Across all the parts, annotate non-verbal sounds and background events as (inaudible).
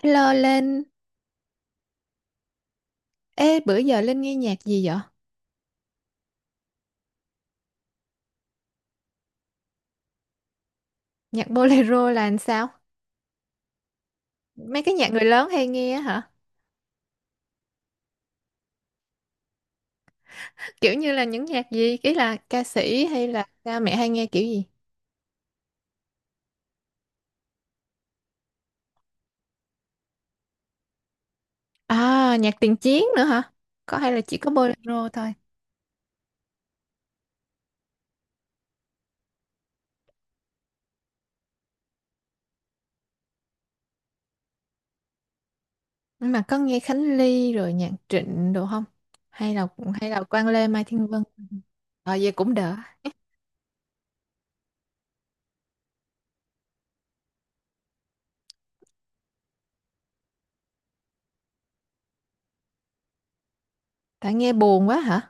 Hello Linh, ê bữa giờ Linh nghe nhạc gì vậy? Nhạc bolero là làm sao? Mấy cái nhạc người lớn hay nghe á hả? Kiểu như là những nhạc gì? Ý là ca sĩ hay là cha mẹ hay nghe kiểu gì? À, nhạc tiền chiến nữa hả? Có hay là chỉ có bolero thôi? Nhưng mà có nghe Khánh Ly rồi nhạc Trịnh đồ không? Hay là hay là Quang Lê Mai Thiên Vân? Ờ vậy cũng đỡ. Tại nghe buồn quá hả?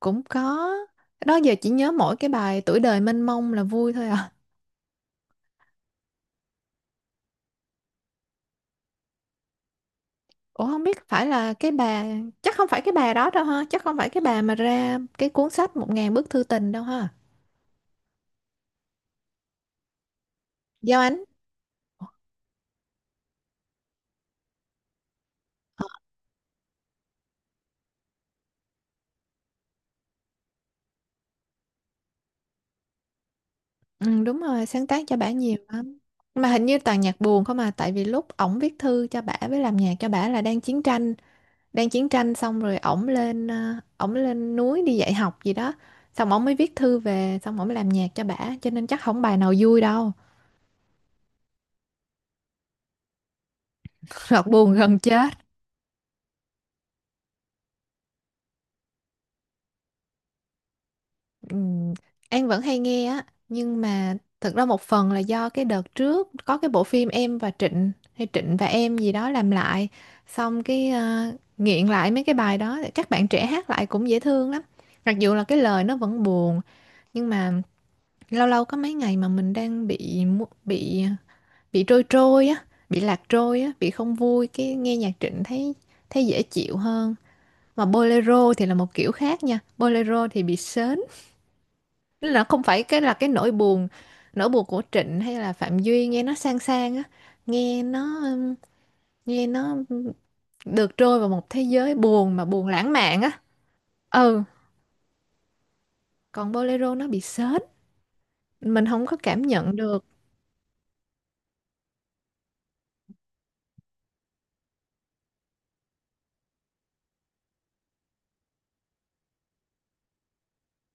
Cũng có. Đó giờ chỉ nhớ mỗi cái bài Tuổi đời mênh mông là vui thôi à. Ủa không biết phải là cái bà, chắc không phải cái bà đó đâu ha, chắc không phải cái bà mà ra cái cuốn sách một ngàn bức thư tình đâu ha. Giao Ánh. Ừ, đúng rồi, sáng tác cho bả nhiều lắm, mà hình như toàn nhạc buồn không à, tại vì lúc ổng viết thư cho bả với làm nhạc cho bả là đang chiến tranh. Đang chiến tranh xong rồi ổng lên ổng lên núi đi dạy học gì đó, xong ổng mới viết thư về, xong ổng mới làm nhạc cho bả, cho nên chắc không bài nào vui đâu. (laughs) Thật buồn gần chết. Ừm, An vẫn hay nghe á, nhưng mà thật ra một phần là do cái đợt trước có cái bộ phim Em và Trịnh hay Trịnh và Em gì đó làm lại, xong cái nghiện lại mấy cái bài đó, các bạn trẻ hát lại cũng dễ thương lắm, mặc dù là cái lời nó vẫn buồn. Nhưng mà lâu lâu có mấy ngày mà mình đang bị bị trôi trôi á, bị lạc trôi á, bị không vui cái nghe nhạc Trịnh thấy, thấy dễ chịu hơn. Mà bolero thì là một kiểu khác nha, bolero thì bị sến. Tức là không phải cái là cái nỗi buồn, nỗi buồn của Trịnh hay là Phạm Duy nghe nó sang sang á, nghe nó ừm, nghe nó được trôi vào một thế giới buồn mà buồn lãng mạn á. Ừ, còn bolero nó bị sến, mình không có cảm nhận được.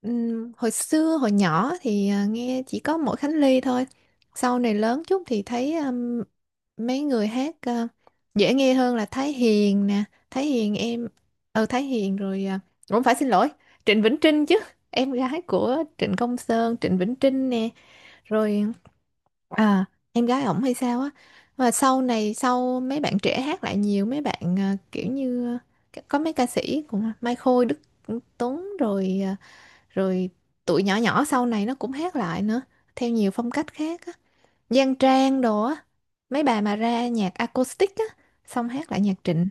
Hồi xưa hồi nhỏ thì nghe chỉ có mỗi Khánh Ly thôi. Sau này lớn chút thì thấy mấy người hát dễ nghe hơn là Thái Hiền nè, Thái Hiền em ờ Thái Hiền rồi cũng phải xin lỗi, Trịnh Vĩnh Trinh chứ. (laughs) Em gái của Trịnh Công Sơn, Trịnh Vĩnh Trinh nè, rồi à, em gái ổng hay sao á. Và sau này sau mấy bạn trẻ hát lại nhiều, mấy bạn kiểu như có mấy ca sĩ cũng Mai Khôi, Đức Tuấn rồi à, rồi tụi nhỏ nhỏ sau này nó cũng hát lại nữa theo nhiều phong cách khác á, Giang Trang đồ á, mấy bà mà ra nhạc acoustic á, xong hát lại nhạc Trịnh.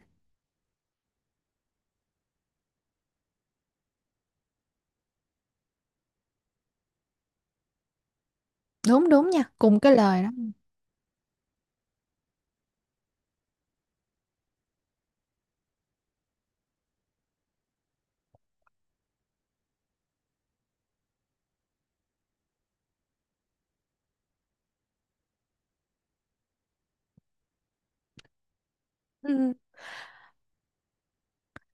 Đúng đúng nha, cùng cái lời đó. Ừ,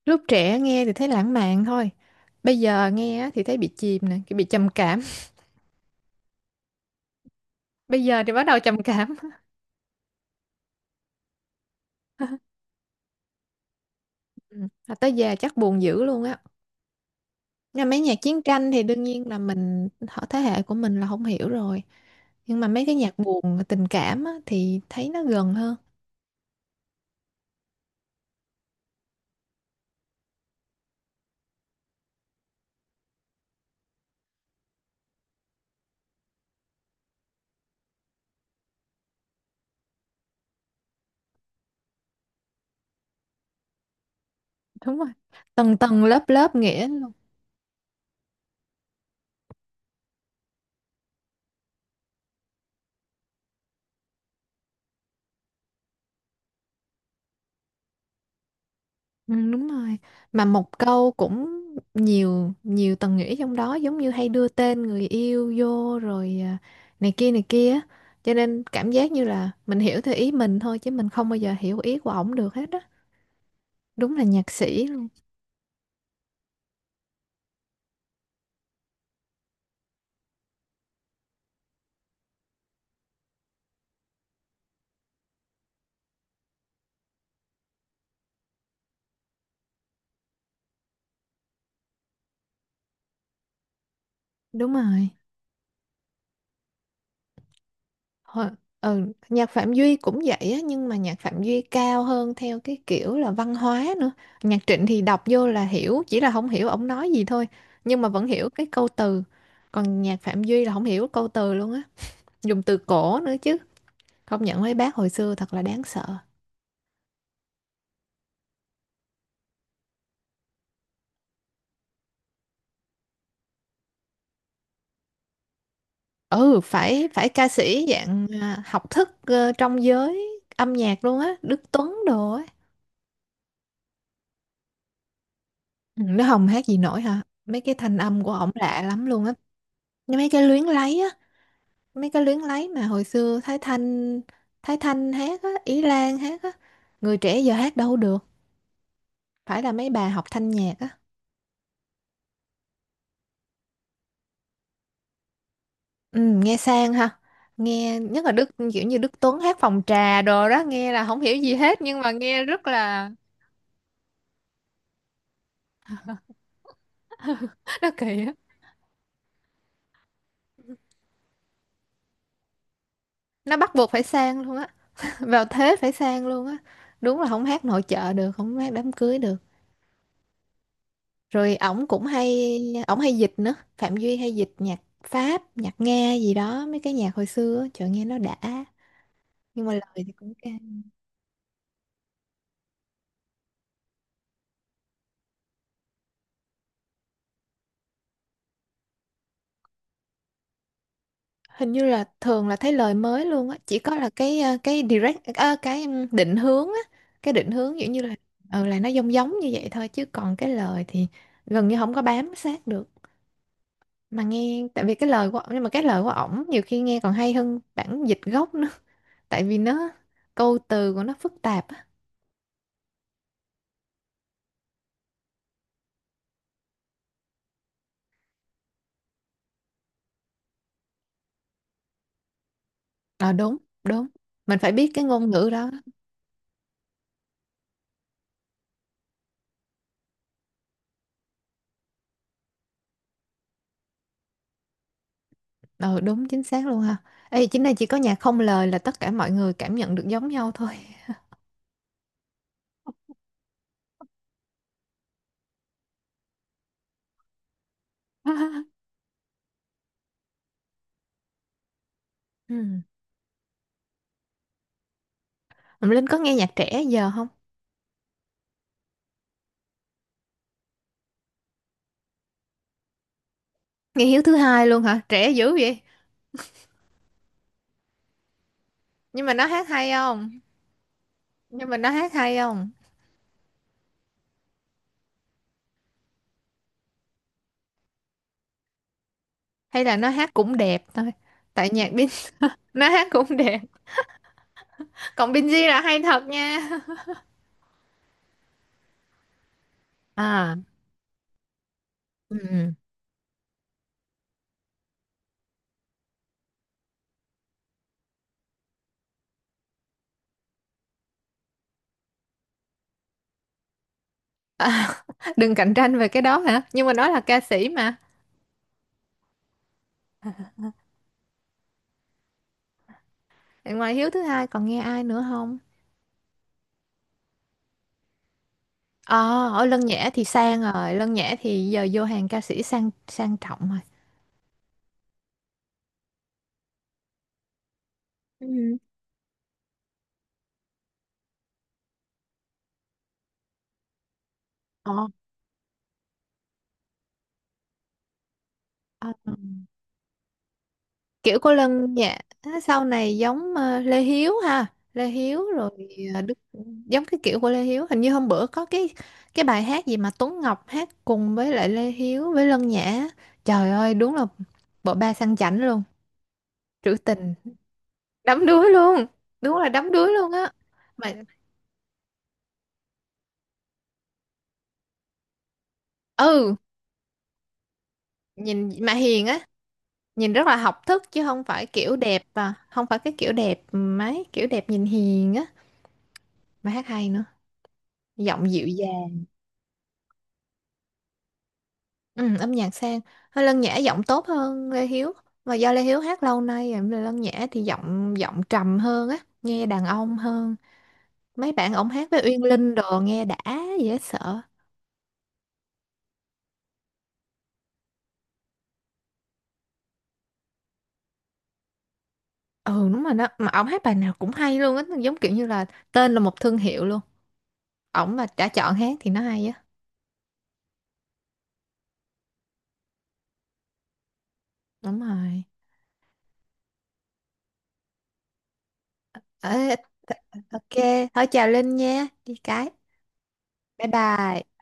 lúc trẻ nghe thì thấy lãng mạn thôi, bây giờ nghe á thì thấy bị chìm nè, cái bị trầm cảm. (laughs) Bây giờ thì bắt đầu trầm cảm. Ừ, mà tới già chắc buồn dữ luôn á, nhưng mấy nhạc chiến tranh thì đương nhiên là mình họ thế hệ của mình là không hiểu rồi, nhưng mà mấy cái nhạc buồn tình cảm á, thì thấy nó gần hơn. Đúng rồi, tầng tầng lớp lớp nghĩa luôn. Ừ, đúng rồi, mà một câu cũng nhiều nhiều tầng nghĩa trong đó, giống như hay đưa tên người yêu vô rồi này kia á. Cho nên cảm giác như là mình hiểu theo ý mình thôi, chứ mình không bao giờ hiểu ý của ổng được hết á. Đúng là nhạc sĩ luôn. Đúng rồi. Hồi- ừ, nhạc Phạm Duy cũng vậy á, nhưng mà nhạc Phạm Duy cao hơn theo cái kiểu là văn hóa nữa. Nhạc Trịnh thì đọc vô là hiểu, chỉ là không hiểu ổng nói gì thôi, nhưng mà vẫn hiểu cái câu từ. Còn nhạc Phạm Duy là không hiểu câu từ luôn á, dùng từ cổ nữa chứ. Công nhận mấy bác hồi xưa thật là đáng sợ. Ừ, phải phải ca sĩ dạng học thức trong giới âm nhạc luôn á, Đức Tuấn đồ á. Ừ, nó không hát gì nổi hả? Mấy cái thanh âm của ổng lạ lắm luôn á. Mấy cái luyến lấy á. Mấy cái luyến lấy mà hồi xưa Thái Thanh hát á, Ý Lan hát á, người trẻ giờ hát đâu được, phải là mấy bà học thanh nhạc á. Ừ, nghe sang ha, nghe nhất là Đức kiểu như Đức Tuấn hát phòng trà đồ đó, nghe là không hiểu gì hết nhưng mà nghe rất là. (laughs) Nó kỳ á, nó bắt buộc phải sang luôn á. (laughs) Vào thế phải sang luôn á. Đúng là không hát nội trợ được, không hát đám cưới được, rồi ổng cũng hay, ổng hay dịch nữa, Phạm Duy hay dịch nhạc Pháp nhạc Nga gì đó, mấy cái nhạc hồi xưa á, trời nghe nó đã, nhưng mà lời thì cũng cao. Hình như là thường là thấy lời mới luôn á, chỉ có là cái cái direct cái định hướng á, cái định hướng kiểu như là, ừ là nó giống giống như vậy thôi, chứ còn cái lời thì gần như không có bám sát được. Mà nghe tại vì cái lời của ổng, nhưng mà cái lời của ổng nhiều khi nghe còn hay hơn bản dịch gốc nữa, tại vì nó câu từ của nó phức tạp á. Ờ đúng, đúng. Mình phải biết cái ngôn ngữ đó. Ờ đúng, chính xác luôn ha. Ê chính này chỉ có nhạc không lời là tất cả mọi người cảm nhận được giống nhau thôi. (laughs) Ừ. Mà Linh có nghe nhạc trẻ giờ không? Nghe Hiếu thứ hai luôn hả? Trẻ dữ vậy. Nhưng mà nó hát hay không? Nhưng mà nó hát hay không? Hay là nó hát cũng đẹp thôi. Tại nhạc Bin. (laughs) Nó hát cũng đẹp. Còn Binz là hay thật nha. À. Ừ. À, (laughs) đừng cạnh tranh về cái đó hả? Nhưng mà nó là ca sĩ mà. Ngoài Hiếu thứ hai còn nghe ai nữa không? Ờ, ở Lân Nhã thì sang rồi, Lân Nhã thì giờ vô hàng ca sĩ sang sang trọng rồi. Ừ. Ờ. Ờ, kiểu của Lân Nhã sau này giống Lê Hiếu ha, Lê Hiếu rồi Đức, giống cái kiểu của Lê Hiếu, hình như hôm bữa có cái bài hát gì mà Tuấn Ngọc hát cùng với lại Lê Hiếu với Lân Nhã. Trời ơi, đúng là bộ ba sang chảnh luôn, trữ tình, đắm đuối luôn. Đúng là đắm đuối luôn á. Mà ừ, nhìn mà hiền á. Nhìn rất là học thức, chứ không phải kiểu đẹp, à không phải cái kiểu đẹp, ừ, mấy kiểu đẹp nhìn hiền á, mà hát hay nữa, giọng dịu dàng. Ừ, âm nhạc sang, hơi Lân Nhã giọng tốt hơn Lê Hiếu, mà do Lê Hiếu hát lâu nay rồi, Lân Nhã thì giọng giọng trầm hơn á, nghe đàn ông hơn. Mấy bạn ổng hát với Uyên Linh đồ nghe đã, dễ sợ. Ừ đúng rồi đó, mà ổng hát bài nào cũng hay luôn á, giống kiểu như là tên là một thương hiệu luôn, ổng mà đã chọn hát thì nó hay á. Đúng rồi. Ờ, th- ok thôi, chào Linh nha đi cái, bye bye.